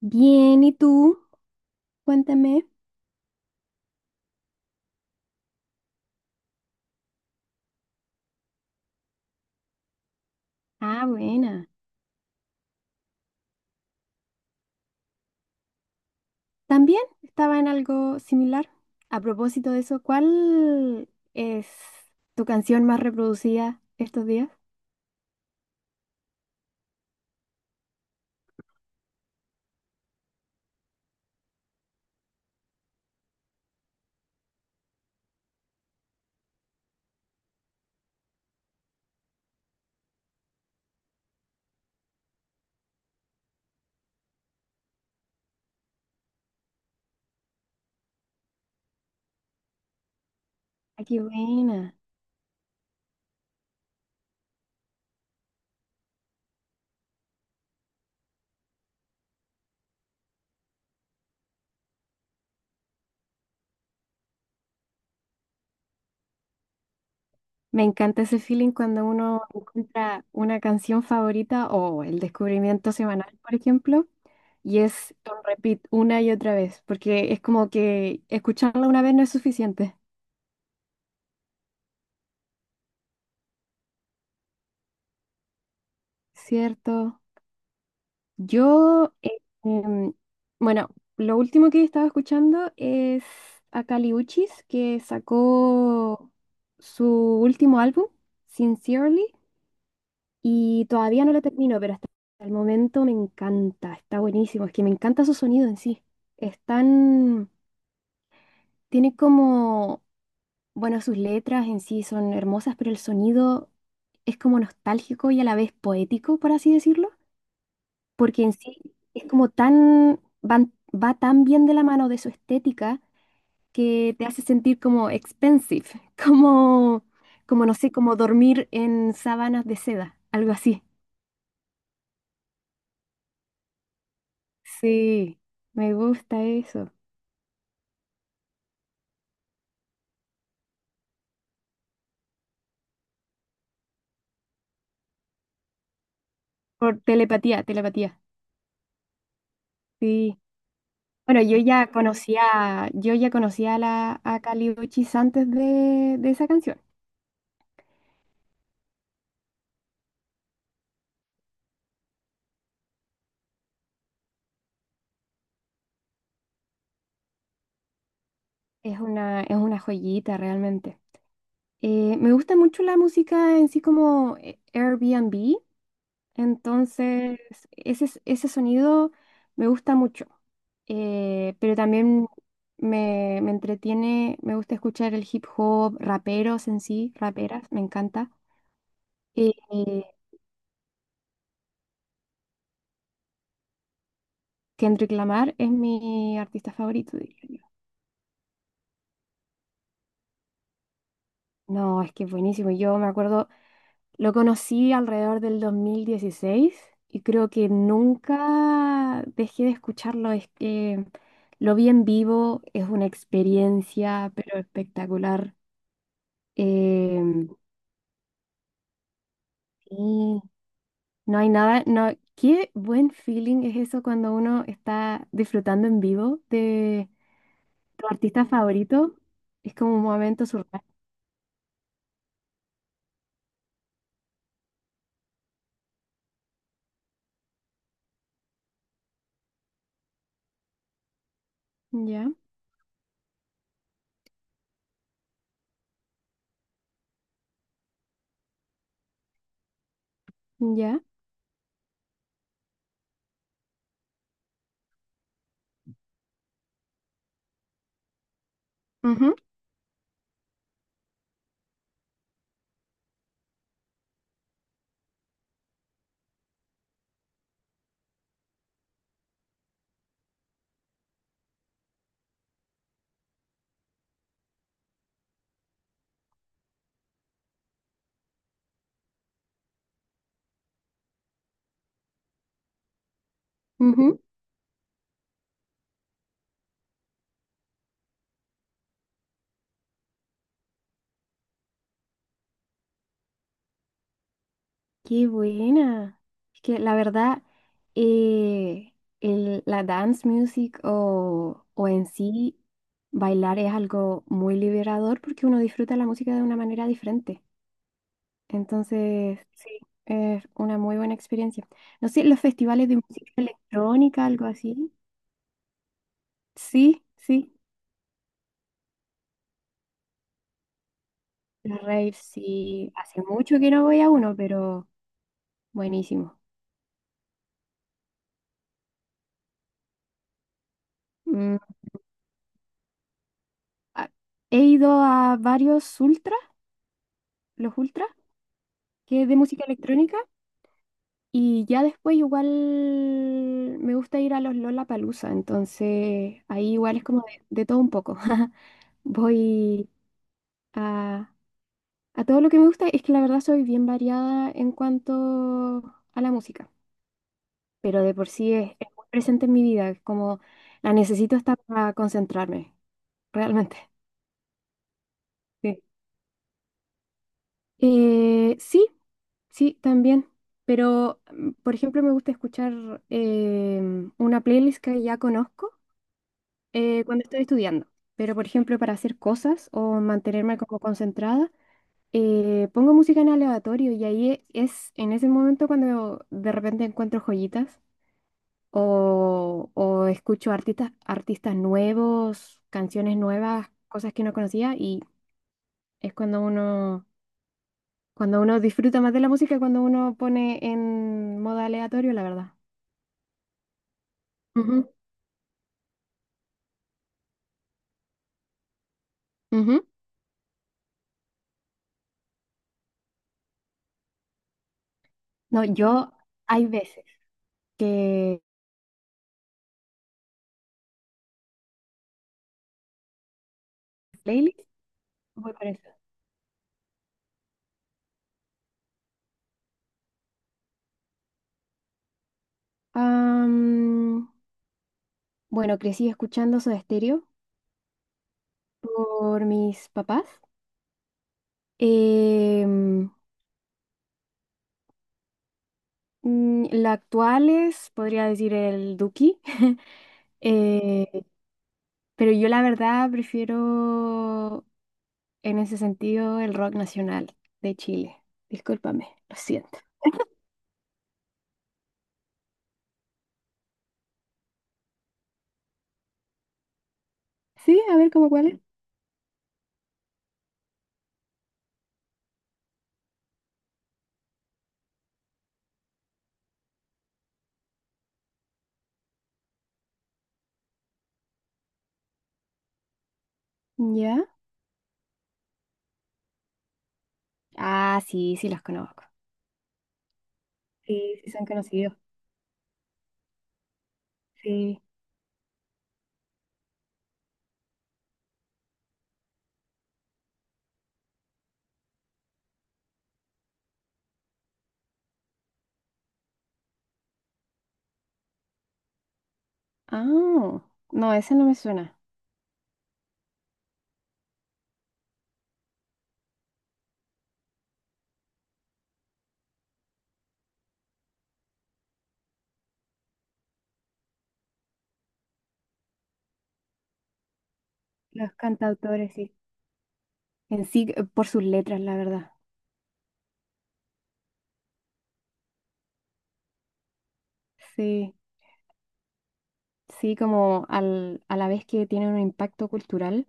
Bien, ¿y tú? Cuéntame. Ah, buena. También estaba en algo similar. A propósito de eso, ¿cuál es tu canción más reproducida estos días? Ah, qué buena. Me encanta ese feeling cuando uno encuentra una canción favorita o el descubrimiento semanal, por ejemplo, y es un repeat una y otra vez, porque es como que escucharla una vez no es suficiente, ¿cierto? Yo, em, bueno, lo último que estaba escuchando es a Kali Uchis, que sacó su último álbum, Sincerely, y todavía no lo termino, pero hasta el momento me encanta, está buenísimo, es que me encanta su sonido en sí. Están, tiene como, bueno, sus letras en sí son hermosas, pero el sonido es como nostálgico y a la vez poético, por así decirlo. Porque en sí es como tan, va tan bien de la mano de su estética que te hace sentir como expensive, como, como no sé, como dormir en sábanas de seda, algo así. Sí, me gusta eso. Por telepatía, telepatía. Sí. Bueno, yo ya conocía a la a Kali Uchis antes de esa canción. Es una joyita realmente. Me gusta mucho la música en sí como Airbnb. Entonces, ese sonido me gusta mucho. Pero también me entretiene, me gusta escuchar el hip hop, raperos en sí, raperas, me encanta. Eh, eh, Kendrick Lamar es mi artista favorito, diría yo. No, es que es buenísimo. Yo me acuerdo, lo conocí alrededor del 2016 y creo que nunca dejé de escucharlo. Es que lo vi en vivo, es una experiencia, pero espectacular. Em. Sí. No hay nada, no, qué buen feeling es eso cuando uno está disfrutando en vivo de tu artista favorito. Es como un momento surreal. Ya, ya. Ujú, ujú. Qué buena. Es que la verdad, eh, la dance music o en sí bailar es algo muy liberador porque uno disfruta la música de una manera diferente. Entonces, sí, es una muy buena experiencia. No sé, los festivales de música electrónica, algo así. Sí, sí, los raves, sí. Hace mucho que no voy a uno, pero buenísimo. Mm, a- he ido a varios ultra, los ultra, que es de música electrónica, y ya después igual me gusta ir a los Lollapalooza, entonces ahí igual es como de todo un poco. Voy a A todo lo que me gusta es que la verdad soy bien variada en cuanto a la música, pero de por sí es muy presente en mi vida, es como la necesito hasta para concentrarme, realmente. Sí, sí, sí, también, pero mm, por ejemplo me gusta escuchar una playlist que ya conozco cuando estoy estudiando, pero por ejemplo para hacer cosas o mantenerme como concentrada. Pongo música en aleatorio y ahí es en ese momento cuando de repente encuentro joyitas o escucho artistas, artistas nuevos, canciones nuevas, cosas que no conocía y es cuando uno disfruta más de la música, cuando uno pone en modo aleatorio, la verdad. Ujú, ujú. No, yo hay veces que playlist voy por eso. Am, bueno, crecí escuchando Soda Stereo por mis papás. Em, la actual es, podría decir, el Duki. Eh, pero yo la verdad prefiero en ese sentido el rock nacional de Chile. Discúlpame, lo siento. Sí, a ver cómo cuál es. ¿Ya? Ah, sí, sí los conozco. Sí, sí son conocidos. Sí. Ah, no, ese no me suena. Los cantautores, sí. En sí, por sus letras, la verdad. Sí. Sí, como a la vez que tienen un impacto cultural,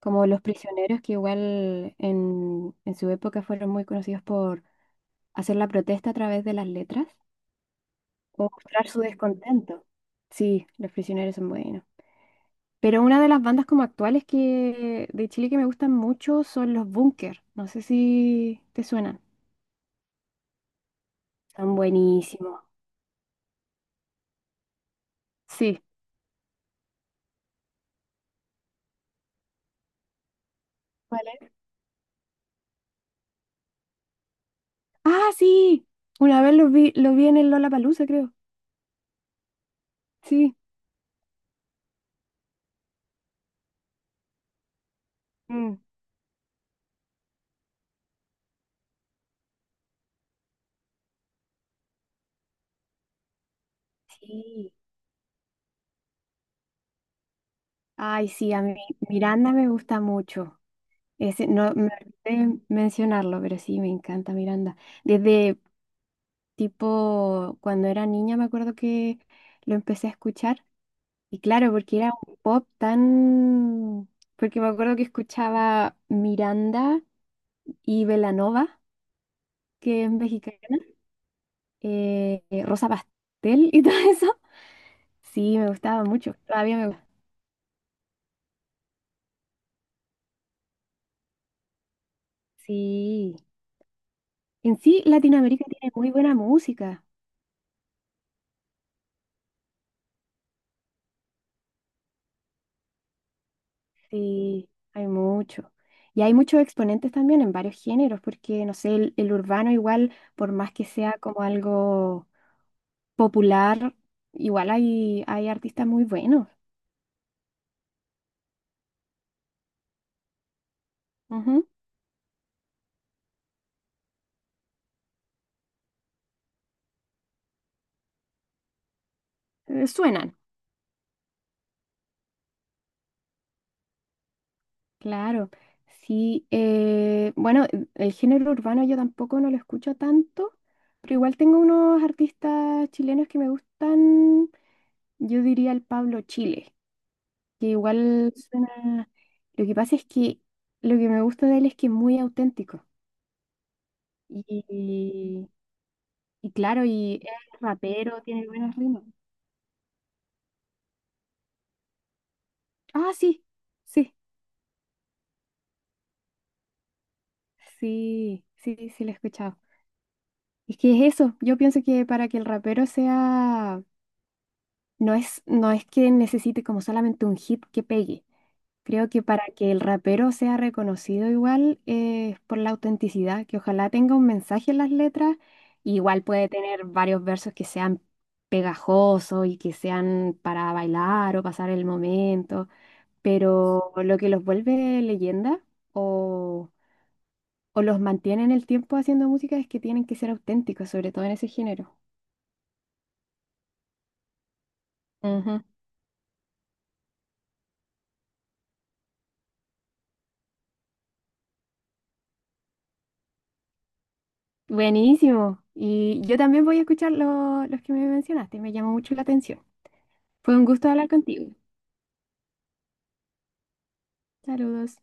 como los prisioneros que igual en su época fueron muy conocidos por hacer la protesta a través de las letras o mostrar su descontento. Sí, los prisioneros son buenos. Pero una de las bandas como actuales que de Chile que me gustan mucho son los Búnker. No sé si te suenan. Son buenísimos. Sí. ¿Cuál es? Ah, sí. Una vez los vi en el Lollapalooza, creo. Sí. Mm. Sí. Ay, sí, a mí Miranda me gusta mucho. Ese, no me olvidé mencionarlo, pero sí, me encanta Miranda. Desde tipo cuando era niña me acuerdo que lo empecé a escuchar. Y claro, porque era un pop tan... Porque me acuerdo que escuchaba Miranda y Belanova, que es mexicana, Rosa Pastel y todo eso. Sí, me gustaba mucho. Todavía me gusta. Sí. En sí, Latinoamérica tiene muy buena música. Sí, hay mucho. Y hay muchos exponentes también en varios géneros, porque, no sé, el urbano igual, por más que sea como algo popular, igual hay, hay artistas muy buenos. Ujú. Suenan, claro. Sí, bueno, el género urbano yo tampoco no lo escucho tanto, pero igual tengo unos artistas chilenos que me gustan, yo diría el Pablo Chile. Que igual suena... Lo que pasa es que lo que me gusta de él es que es muy auténtico. Y, y claro, y es rapero, tiene buenos ritmos. Ah, sí, sí, sí, lo he escuchado. Es que es eso, yo pienso que para que el rapero sea no no es que necesite como solamente un hit que pegue. Creo que para que el rapero sea reconocido igual es por la autenticidad, que ojalá tenga un mensaje en las letras, igual puede tener varios versos que sean pegajosos y que sean para bailar o pasar el momento, pero lo que los vuelve leyenda o, o los mantiene en el tiempo haciendo música es que tienen que ser auténticos, sobre todo en ese género. Ujú. Buenísimo. Y yo también voy a escuchar los que me mencionaste. Me llamó mucho la atención. Fue un gusto hablar contigo. Saludos.